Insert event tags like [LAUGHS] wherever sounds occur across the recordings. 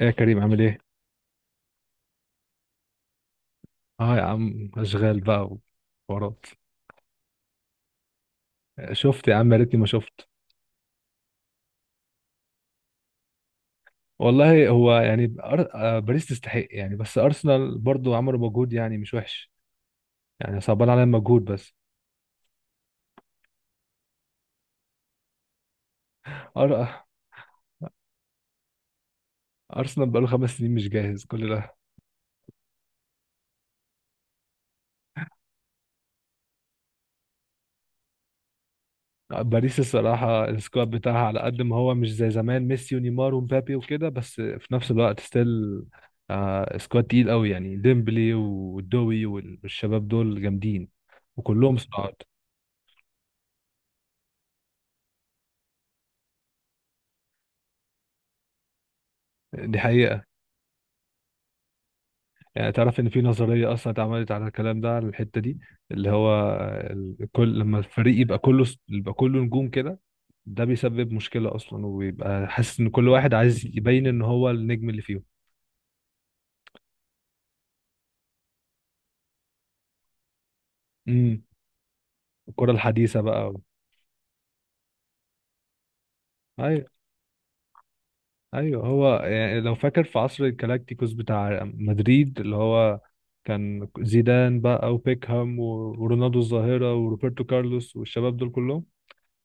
ايه يا كريم، عامل ايه؟ اه يا عم، اشغال بقى وحوارات. شفت يا عم، يا ريتني ما شفت. والله هو يعني أر... آه، باريس تستحق يعني، بس ارسنال برضو عملوا مجهود يعني مش وحش. يعني صعبان عليا المجهود بس. أر... آه، ارسنال بقاله خمس سنين مش جاهز كل ده؟ باريس الصراحة السكواد بتاعها على قد ما هو مش زي زمان ميسي ونيمار ومبابي وكده، بس في نفس الوقت ستيل سكواد تقيل قوي، يعني ديمبلي ودوي والشباب دول جامدين وكلهم صعاد. دي حقيقة. يعني تعرف ان في نظريه اصلا اتعملت على الكلام ده، على الحته دي اللي هو كل لما الفريق يبقى كله يبقى كله نجوم كده، ده بيسبب مشكله اصلا، وبيبقى حاسس ان كل واحد عايز يبين ان هو النجم اللي فيهم. امم. الكره الحديثه بقى ايوه. ايوه، هو يعني لو فاكر في عصر الجالاكتيكوس بتاع مدريد، اللي هو كان زيدان بقى وبيكهام ورونالدو الظاهره وروبرتو كارلوس والشباب دول كلهم.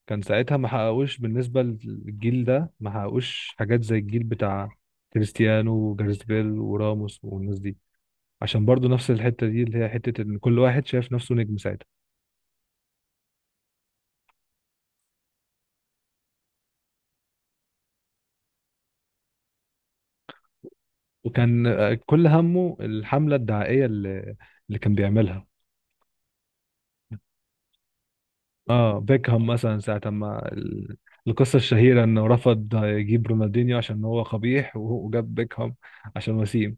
كان ساعتها ما حققوش بالنسبة للجيل ده، ما حققوش حاجات زي الجيل بتاع كريستيانو وجاريث بيل وراموس والناس دي، عشان برضو نفس الحتة دي، اللي هي حتة ان كل واحد شايف نفسه نجم ساعتها. وكان كل همه الحملة الدعائية اللي كان بيعملها. اه بيكهام مثلا، ساعة ما القصة الشهيرة انه رفض يجيب رونالدينيو عشان هو قبيح، وجاب بيكهام عشان وسيم.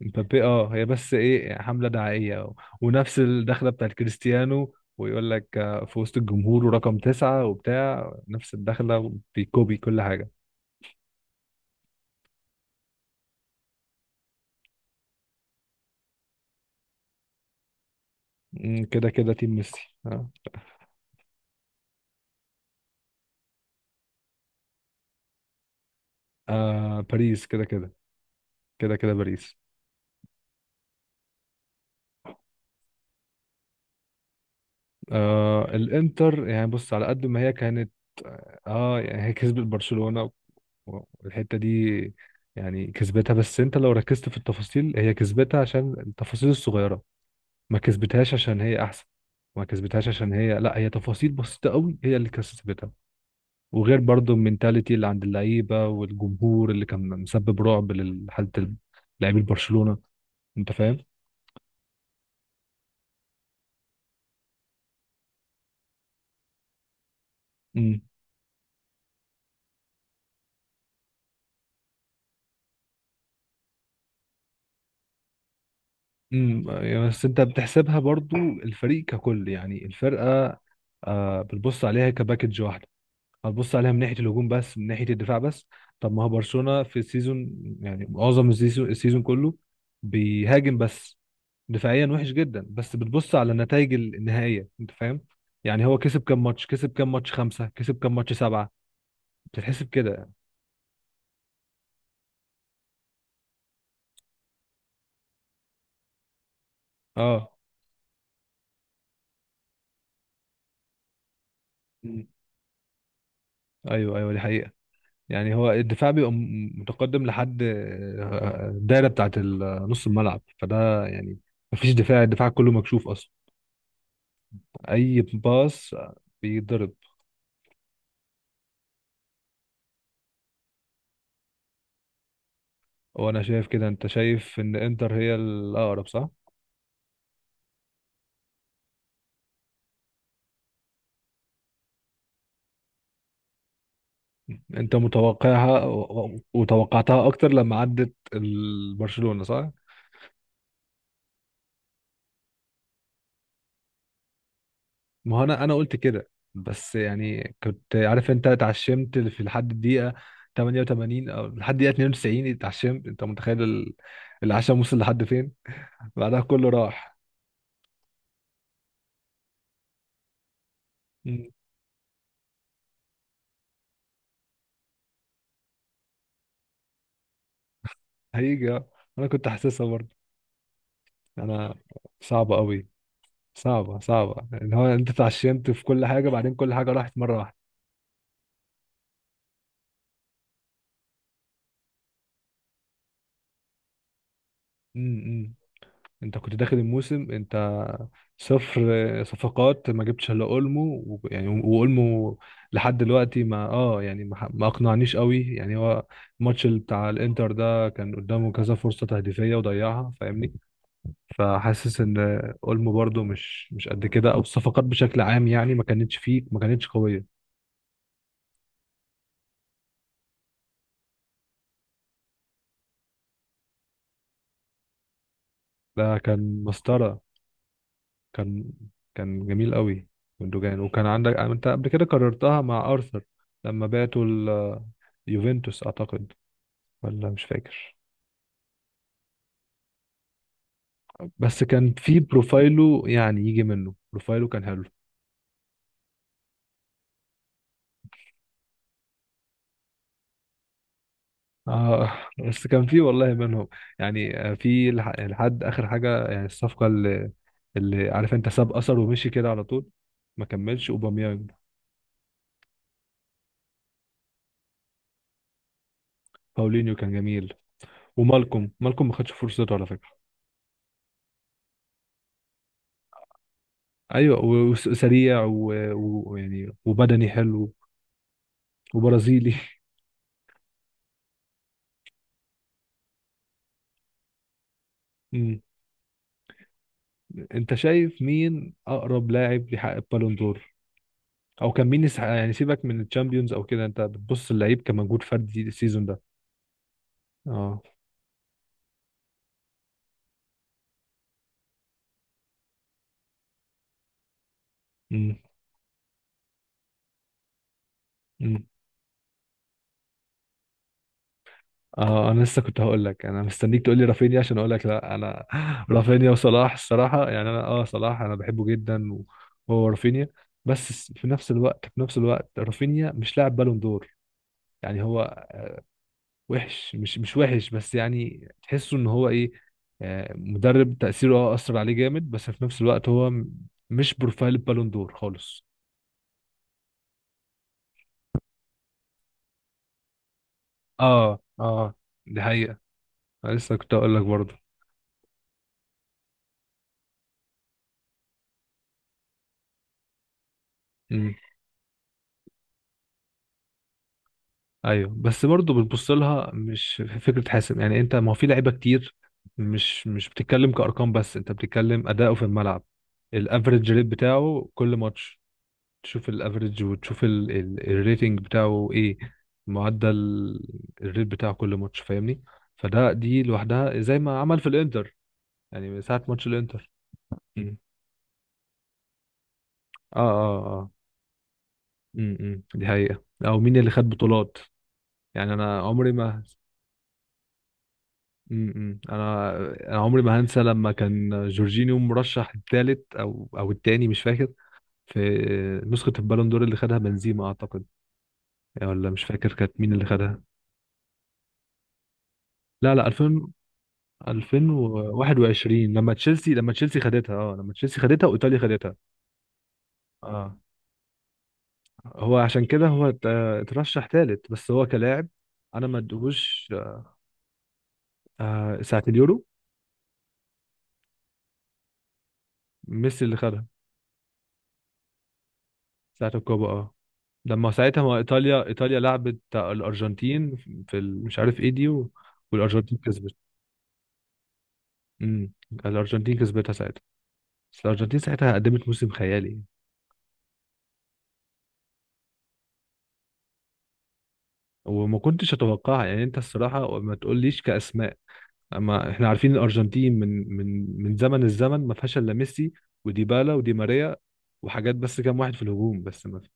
مبابي اه، هي بس ايه؟ حملة دعائية ونفس الدخلة بتاعت كريستيانو، ويقول لك في وسط الجمهور ورقم تسعة وبتاع، نفس الدخلة، بيكوبي كل حاجة. مم، كده كده تيم ميسي آه. باريس كده كده. كده كده باريس. الانتر يعني بص، على قد ما هي كانت، يعني هي كسبت برشلونة والحتة دي يعني كسبتها، بس انت لو ركزت في التفاصيل، هي كسبتها عشان التفاصيل الصغيرة. ما كسبتهاش عشان هي احسن، ما كسبتهاش عشان هي، لا، هي تفاصيل بسيطه قوي هي اللي كسبتها. وغير برضو المينتاليتي اللي عند اللعيبه، والجمهور اللي كان مسبب رعب لحاله لاعبي برشلونه. انت فاهم. امم. امم. بس انت بتحسبها برضو الفريق ككل، يعني الفرقه بتبص عليها كباكج واحده. هتبص عليها من ناحيه الهجوم بس، من ناحيه الدفاع بس؟ طب ما هو برشلونه في السيزون، يعني معظم السيزون، السيزون كله بيهاجم بس. دفاعيا وحش جدا، بس بتبص على النتائج النهائيه. انت فاهم. يعني هو كسب كام ماتش، كسب كام ماتش، خمسه، كسب كام ماتش، سبعه؟ بتتحسب كده يعني. اه. مم. ايوه ايوه، دي حقيقه. يعني هو الدفاع بيبقى متقدم لحد الدايره بتاعت نص الملعب، فده يعني مفيش دفاع، الدفاع كله مكشوف اصلا. اي باص بيتضرب. وانا شايف كده. انت شايف ان انتر هي الاقرب، صح؟ انت متوقعها وتوقعتها اكتر لما عدت برشلونه، صح؟ ما هو انا انا قلت كده، بس يعني كنت عارف انت اتعشمت في لحد الدقيقه 88 او لحد الدقيقه 92، اتعشمت. انت متخيل العشم وصل لحد فين؟ بعدها كله راح. مم. هيجي آه. انا كنت حاسسها برضه. انا صعبه قوي، صعبه، صعبه ان هو انت اتعشمت في كل حاجه، بعدين كل حاجه راحت مره واحده. امم. انت كنت داخل الموسم انت صفر صفقات، ما جبتش الا اولمو يعني، واولمو لحد دلوقتي ما اه، يعني ما اقنعنيش قوي يعني هو. الماتش اللي بتاع الانتر ده كان قدامه كذا فرصة تهديفية وضيعها، فاهمني؟ فحاسس ان اولمو برده مش مش قد كده، او الصفقات بشكل عام يعني ما كانتش فيه، ما كانتش قوية. ده كان مسطرة. كان كان جميل قوي من دوجان. وكان عندك انت قبل كده كررتها مع ارثر، لما بعتوا يوفنتوس اعتقد، ولا مش فاكر. بس كان في بروفايله، يعني يجي منه، بروفايله كان حلو. آه. بس كان في والله منهم يعني، في لحد اخر حاجه. يعني الصفقه اللي عارف انت، ساب اثر ومشي كده على طول. ما كملش اوباميانج. باولينيو كان جميل. ومالكوم، مالكوم ما خدش فرصته على فكره. ايوه وسريع ويعني وبدني حلو، وبرازيلي. [LAUGHS] أمم. انت شايف مين اقرب لاعب يحقق بالون دور، او كان مين يعني سيبك من الشامبيونز او كده، انت بتبص اللعيب كمجهود فردي السيزون ده؟ اه. امم. امم. اه انا لسه كنت هقول لك، انا مستنيك تقول لي رافينيا عشان اقول لك لا. انا [LAUGHS] رافينيا وصلاح الصراحه، يعني انا اه، صلاح انا بحبه جدا، وهو رافينيا، بس في نفس الوقت، في نفس الوقت رافينيا مش لاعب بالون دور. يعني هو وحش، مش مش وحش، بس يعني تحسه ان هو ايه، مدرب تأثيره اه اثر عليه جامد، بس في نفس الوقت هو مش بروفايل بالون دور خالص. اه اه، دي حقيقة. أنا لسه كنت اقول لك برضه. امم. ايوه، بس برضه بتبص لها مش في فكرة حاسم. يعني انت، ما هو في لعيبة كتير، مش مش بتتكلم كأرقام، بس انت بتتكلم أداؤه في الملعب. الافريج ريت بتاعه كل ماتش، تشوف الافريج وتشوف الريتنج بتاعه ايه، معدل الريت بتاعه كل ماتش، فاهمني؟ فده، دي لوحدها زي ما عمل في الانتر، يعني من ساعة ماتش الانتر. مم. اه اه اه. امم. دي حقيقة. او مين اللي خد بطولات؟ يعني انا عمري ما م-م. انا انا عمري ما هنسى لما كان جورجينيو مرشح الثالث او او الثاني، مش فاكر، في نسخة البالون دور اللي خدها بنزيما اعتقد، يعني ولا مش فاكر كانت مين اللي خدها. لا لا، 2000. 2021 لما تشيلسي، لما تشيلسي خدتها. اه، لما تشيلسي خدتها وايطاليا خدتها. اه، هو عشان كده هو اترشح ثالث، بس هو كلاعب انا ما ادهوش. ساعة اليورو ميسي اللي خدها، ساعة الكوبا اه. لما ساعتها ما، ايطاليا، ايطاليا لعبت الارجنتين في مش عارف ايه دي والارجنتين كسبت. امم. الارجنتين كسبتها ساعتها، بس الارجنتين ساعتها قدمت موسم خيالي. وما كنتش اتوقع يعني، انت الصراحه ما تقوليش كاسماء، اما احنا عارفين الارجنتين، من زمن، الزمن ما فيهاش الا ميسي وديبالا ودي ماريا وحاجات، بس كام واحد في الهجوم، بس ما في.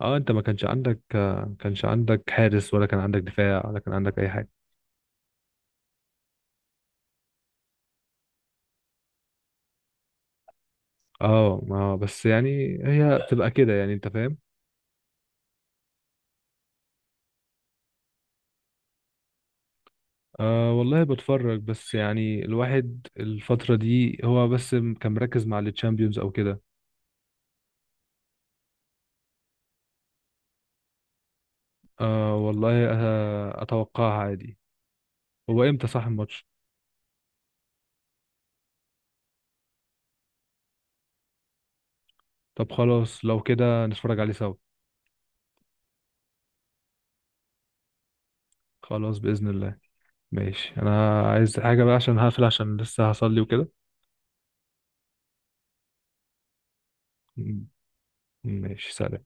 اه، انت ما كانش عندك، كانش عندك حارس، ولا كان عندك دفاع، ولا كان عندك اي حاجه. اه، ما بس يعني هي بتبقى كده، يعني انت فاهم. أه والله بتفرج، بس يعني الواحد الفترة دي هو بس كان مركز مع التشامبيونز أو كده. أه والله أه، أتوقعها عادي. هو إمتى صح الماتش؟ طب خلاص، لو كده نتفرج عليه سوا. خلاص بإذن الله. ماشي. أنا عايز حاجة بقى، عشان هقفل، عشان لسه هصلي وكده. م- ماشي، سلام.